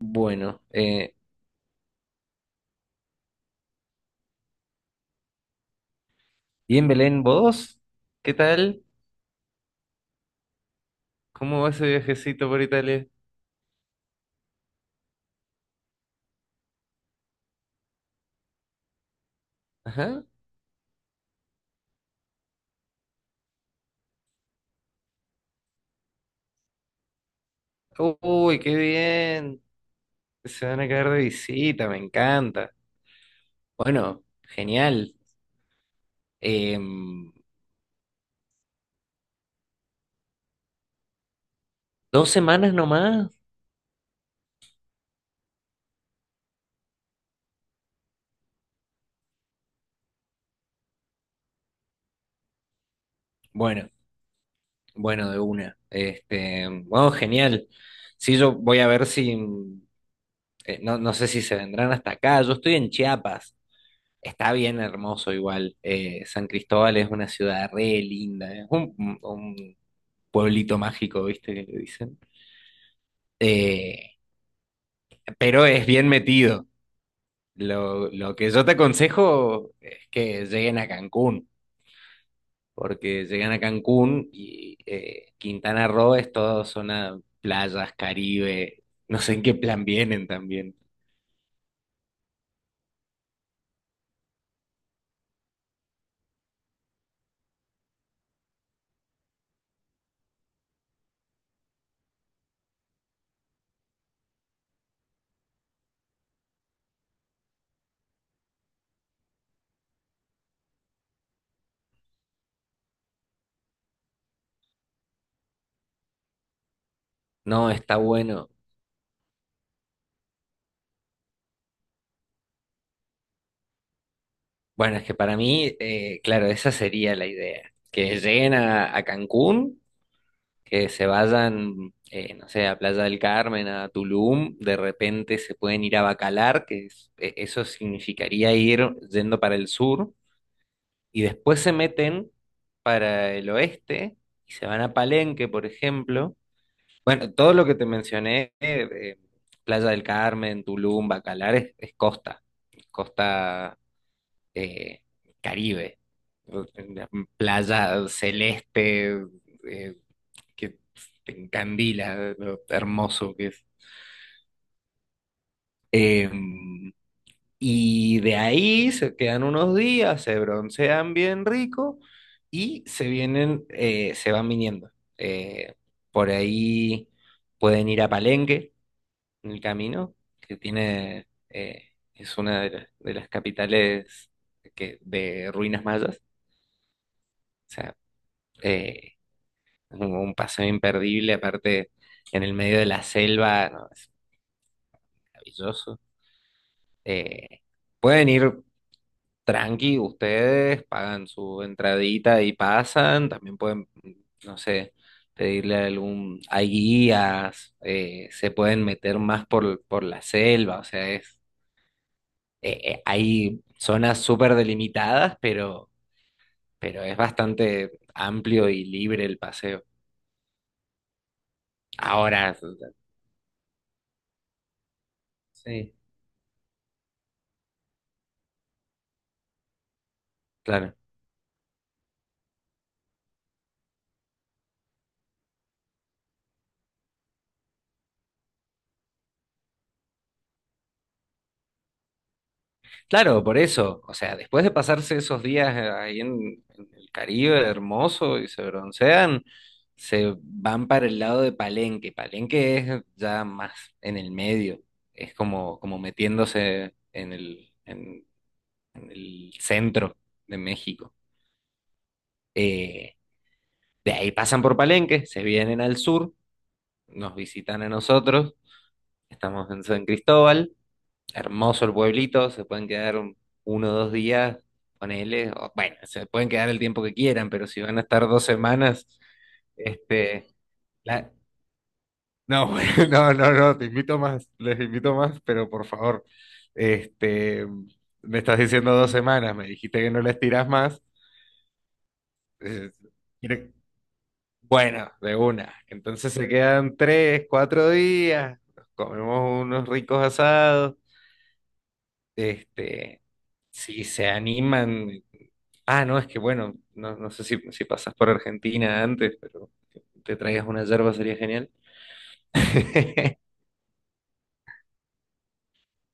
Bueno, y en Belén, ¿vos? ¿Qué tal? ¿Cómo va ese viajecito por Italia? Ajá. Uy, qué bien. Se van a quedar de visita, me encanta. Bueno, genial. Em, ¿Dos semanas nomás? Bueno, bueno, de una. Bueno, genial. Sí, yo voy a ver si, no, no sé si se vendrán hasta acá. Yo estoy en Chiapas. Está bien hermoso igual. San Cristóbal es una ciudad re linda. Es un pueblito mágico, ¿viste que le dicen? Eh, pero es bien metido. Lo que yo te aconsejo es que lleguen a Cancún, porque llegan a Cancún y Quintana Roo es toda zona playas, Caribe. No sé en qué plan vienen también. No, está bueno. Bueno, es que para mí, claro, esa sería la idea, que lleguen a Cancún que se vayan, no sé, a Playa del Carmen, a Tulum. De repente se pueden ir a Bacalar, eso significaría ir yendo para el sur, y después se meten para el oeste y se van a Palenque, por ejemplo. Bueno, todo lo que te mencioné, Playa del Carmen, Tulum, Bacalar, es costa, costa, eh, Caribe, playa celeste, eh, que pues te encandila lo hermoso que es. Eh, y de ahí se quedan unos días, se broncean bien rico y se vienen, se van viniendo. Eh, por ahí pueden ir a Palenque en el camino, que tiene, es una de las, capitales de ruinas mayas. O sea, eh, un paseo imperdible, aparte en el medio de la selva, no, es maravilloso. Eh, Pueden ir tranqui ustedes, pagan su entradita y pasan. También pueden, no sé, pedirle algún... Hay guías. Se pueden meter más por, la selva. O sea, hay zonas súper delimitadas, pero es bastante amplio y libre el paseo. Ahora, sí, claro. Claro, por eso. O sea, después de pasarse esos días ahí en el Caribe hermoso y se broncean, se van para el lado de Palenque. Palenque es ya más en el medio. Es como metiéndose en el centro de México. Eh, de ahí pasan por Palenque, se vienen al sur, nos visitan a nosotros. Estamos en San Cristóbal. Hermoso el pueblito, se pueden quedar uno o dos días, ponele. O, bueno, se pueden quedar el tiempo que quieran, pero si van a estar dos semanas, este, la- no, bueno, no, no, no, te invito más, les invito más, pero por favor, este, me estás diciendo dos semanas, me dijiste que no les tirás más. eh, quiere- bueno, de una, entonces se quedan tres, cuatro días, nos comemos unos ricos asados, este... si se animan. Ah, no, es que bueno, no, no sé si pasas por Argentina antes, pero que te traigas una yerba sería genial.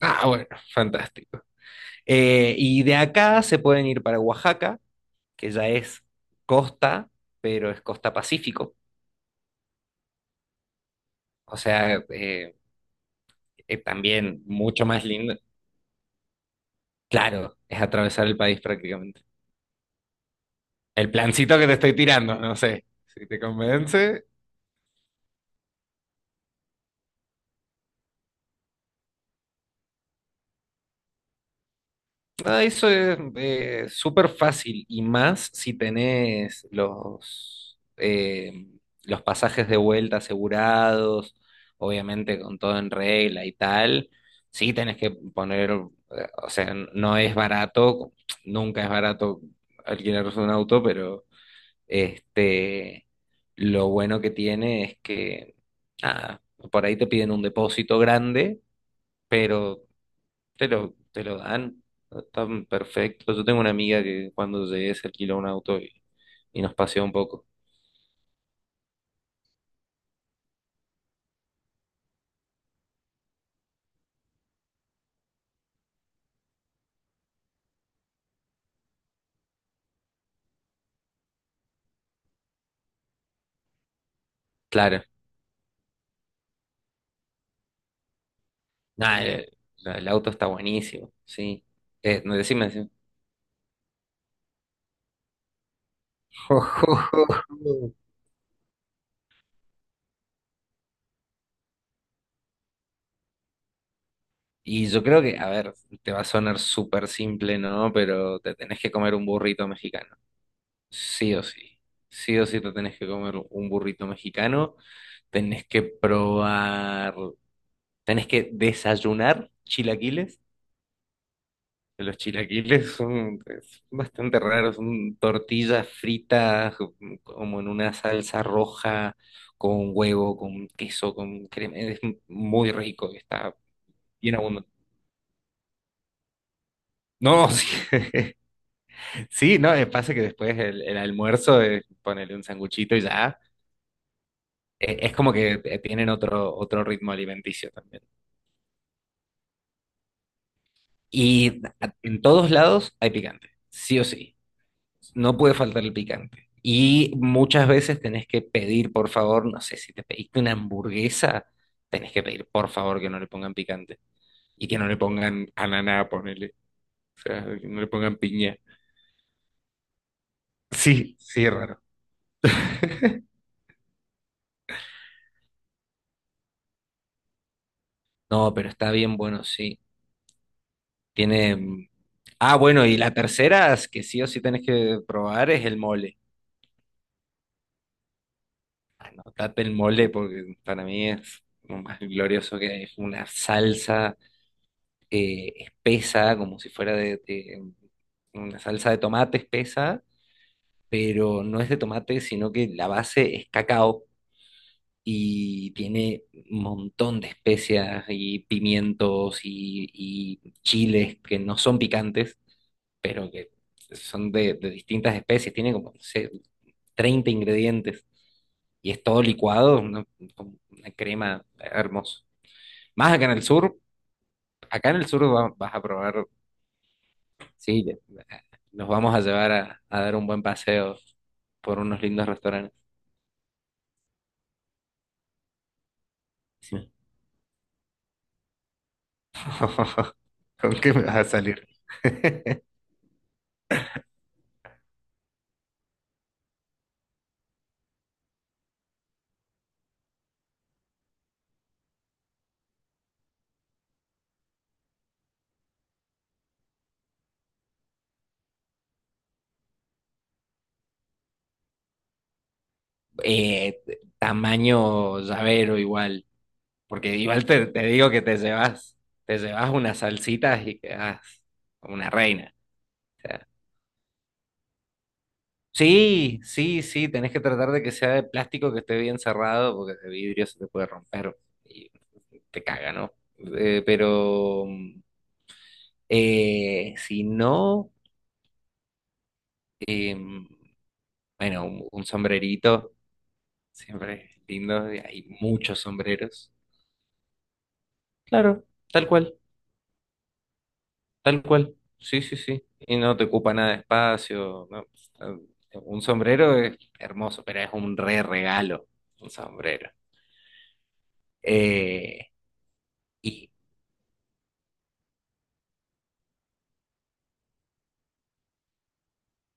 Ah, bueno, fantástico. Y de acá se pueden ir para Oaxaca, que ya es costa, pero es costa Pacífico. O sea, también mucho más lindo. Claro, es atravesar el país prácticamente. El plancito que te estoy tirando, no sé, si te convence... Ah, eso es súper fácil, y más si tenés los pasajes de vuelta asegurados, obviamente con todo en regla y tal. Sí, tenés que poner, o sea, no es barato, nunca es barato alquilarse un auto, pero este, lo bueno que tiene es que, nada, por ahí te piden un depósito grande, pero te lo dan tan perfecto. Yo tengo una amiga que cuando llegué se alquiló un auto y nos paseó un poco. Claro, nada, el auto está buenísimo, sí. No, decime, decime. Y yo creo que, a ver, te va a sonar súper simple, ¿no? Pero te tenés que comer un burrito mexicano. Sí o sí. Sí o sí te tenés que comer un burrito mexicano. Tenés que probar, tenés que desayunar chilaquiles. Los chilaquiles son es bastante raros, son tortillas fritas, como en una salsa roja, con huevo, con queso, con crema. Es muy rico, está bien abundante. No, sí, sí, no, pasa que después el almuerzo es ponerle un sanguchito y ya. Es como que tienen otro ritmo alimenticio también. Y en todos lados hay picante, sí o sí. No puede faltar el picante. Y muchas veces tenés que pedir, por favor, no sé, si te pediste una hamburguesa, tenés que pedir, por favor, que no le pongan picante. Y que no le pongan ananá, ponele. O sea, que no le pongan piña. Sí, sí, es raro. No, pero está bien bueno, sí. Tiene... mm, Ah, bueno, y la tercera es que sí o sí tenés que probar es el mole. Anotate el mole, porque para mí es lo más glorioso que hay. Es una salsa espesa, como si fuera de una salsa de tomate espesa, pero no es de tomate, sino que la base es cacao y tiene un montón de especias y pimientos y chiles que no son picantes, pero que son de distintas especies. Tiene como, no sé, 30 ingredientes, y es todo licuado, como una crema hermosa. Más acá en el sur, acá en el sur vas a probar. Sí. Eh, Nos vamos a llevar a dar un buen paseo por unos lindos restaurantes. Sí. ¿Con qué me vas a salir? Eh, Tamaño llavero igual, porque igual te digo que te llevas unas salsitas y quedas como una reina. O sea, sí, sí, sí, tenés que tratar de que sea de plástico, que esté bien cerrado, porque de vidrio se te puede romper y te caga, ¿no? Pero si no... Eh, bueno, un sombrerito siempre es lindo, y hay muchos sombreros. Claro, tal cual, tal cual. Sí, sí, sí. Y no te ocupa nada de espacio, no. eh, Un sombrero es hermoso, pero es un re regalo, un sombrero. Eh, y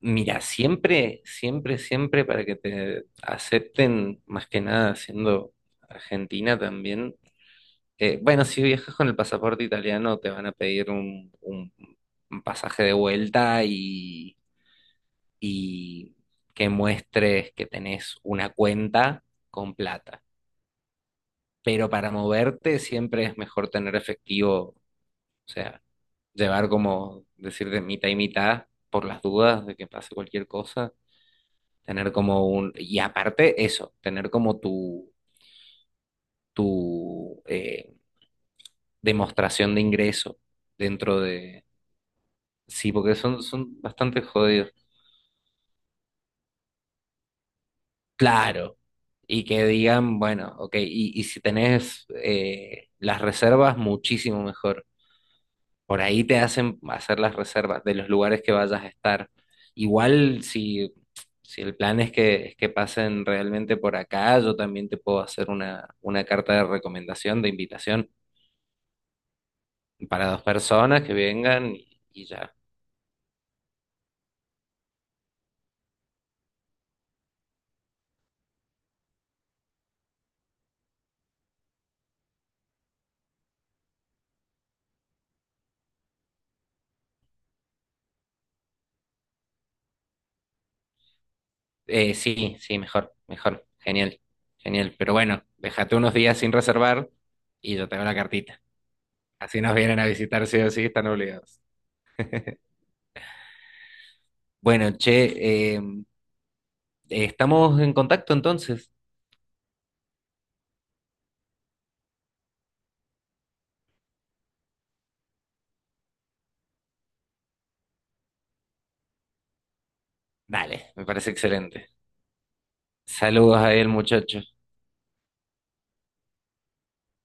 mira, siempre, siempre, siempre, para que te acepten, más que nada siendo argentina también. Bueno, si viajas con el pasaporte italiano, te van a pedir un, un pasaje de vuelta, y que muestres que tenés una cuenta con plata. Pero para moverte siempre es mejor tener efectivo, o sea, llevar como, decir, de mitad y mitad, por las dudas de que pase cualquier cosa, tener como un... Y aparte eso, tener como tu, tu demostración de ingreso dentro de... Sí, porque son bastante jodidos. Claro. Y que digan, bueno, ok, y si tenés las reservas, muchísimo mejor. Por ahí te hacen hacer las reservas de los lugares que vayas a estar. Igual si, el plan es que pasen realmente por acá, yo también te puedo hacer una carta de recomendación, de invitación para dos personas que vengan, y ya. Sí, sí, mejor, mejor. Genial, genial. Pero bueno, déjate unos días sin reservar y yo te hago la cartita. Así nos vienen a visitar sí o sí, están obligados. Bueno, che, estamos en contacto entonces. Dale, me parece excelente. Saludos a él, muchacho.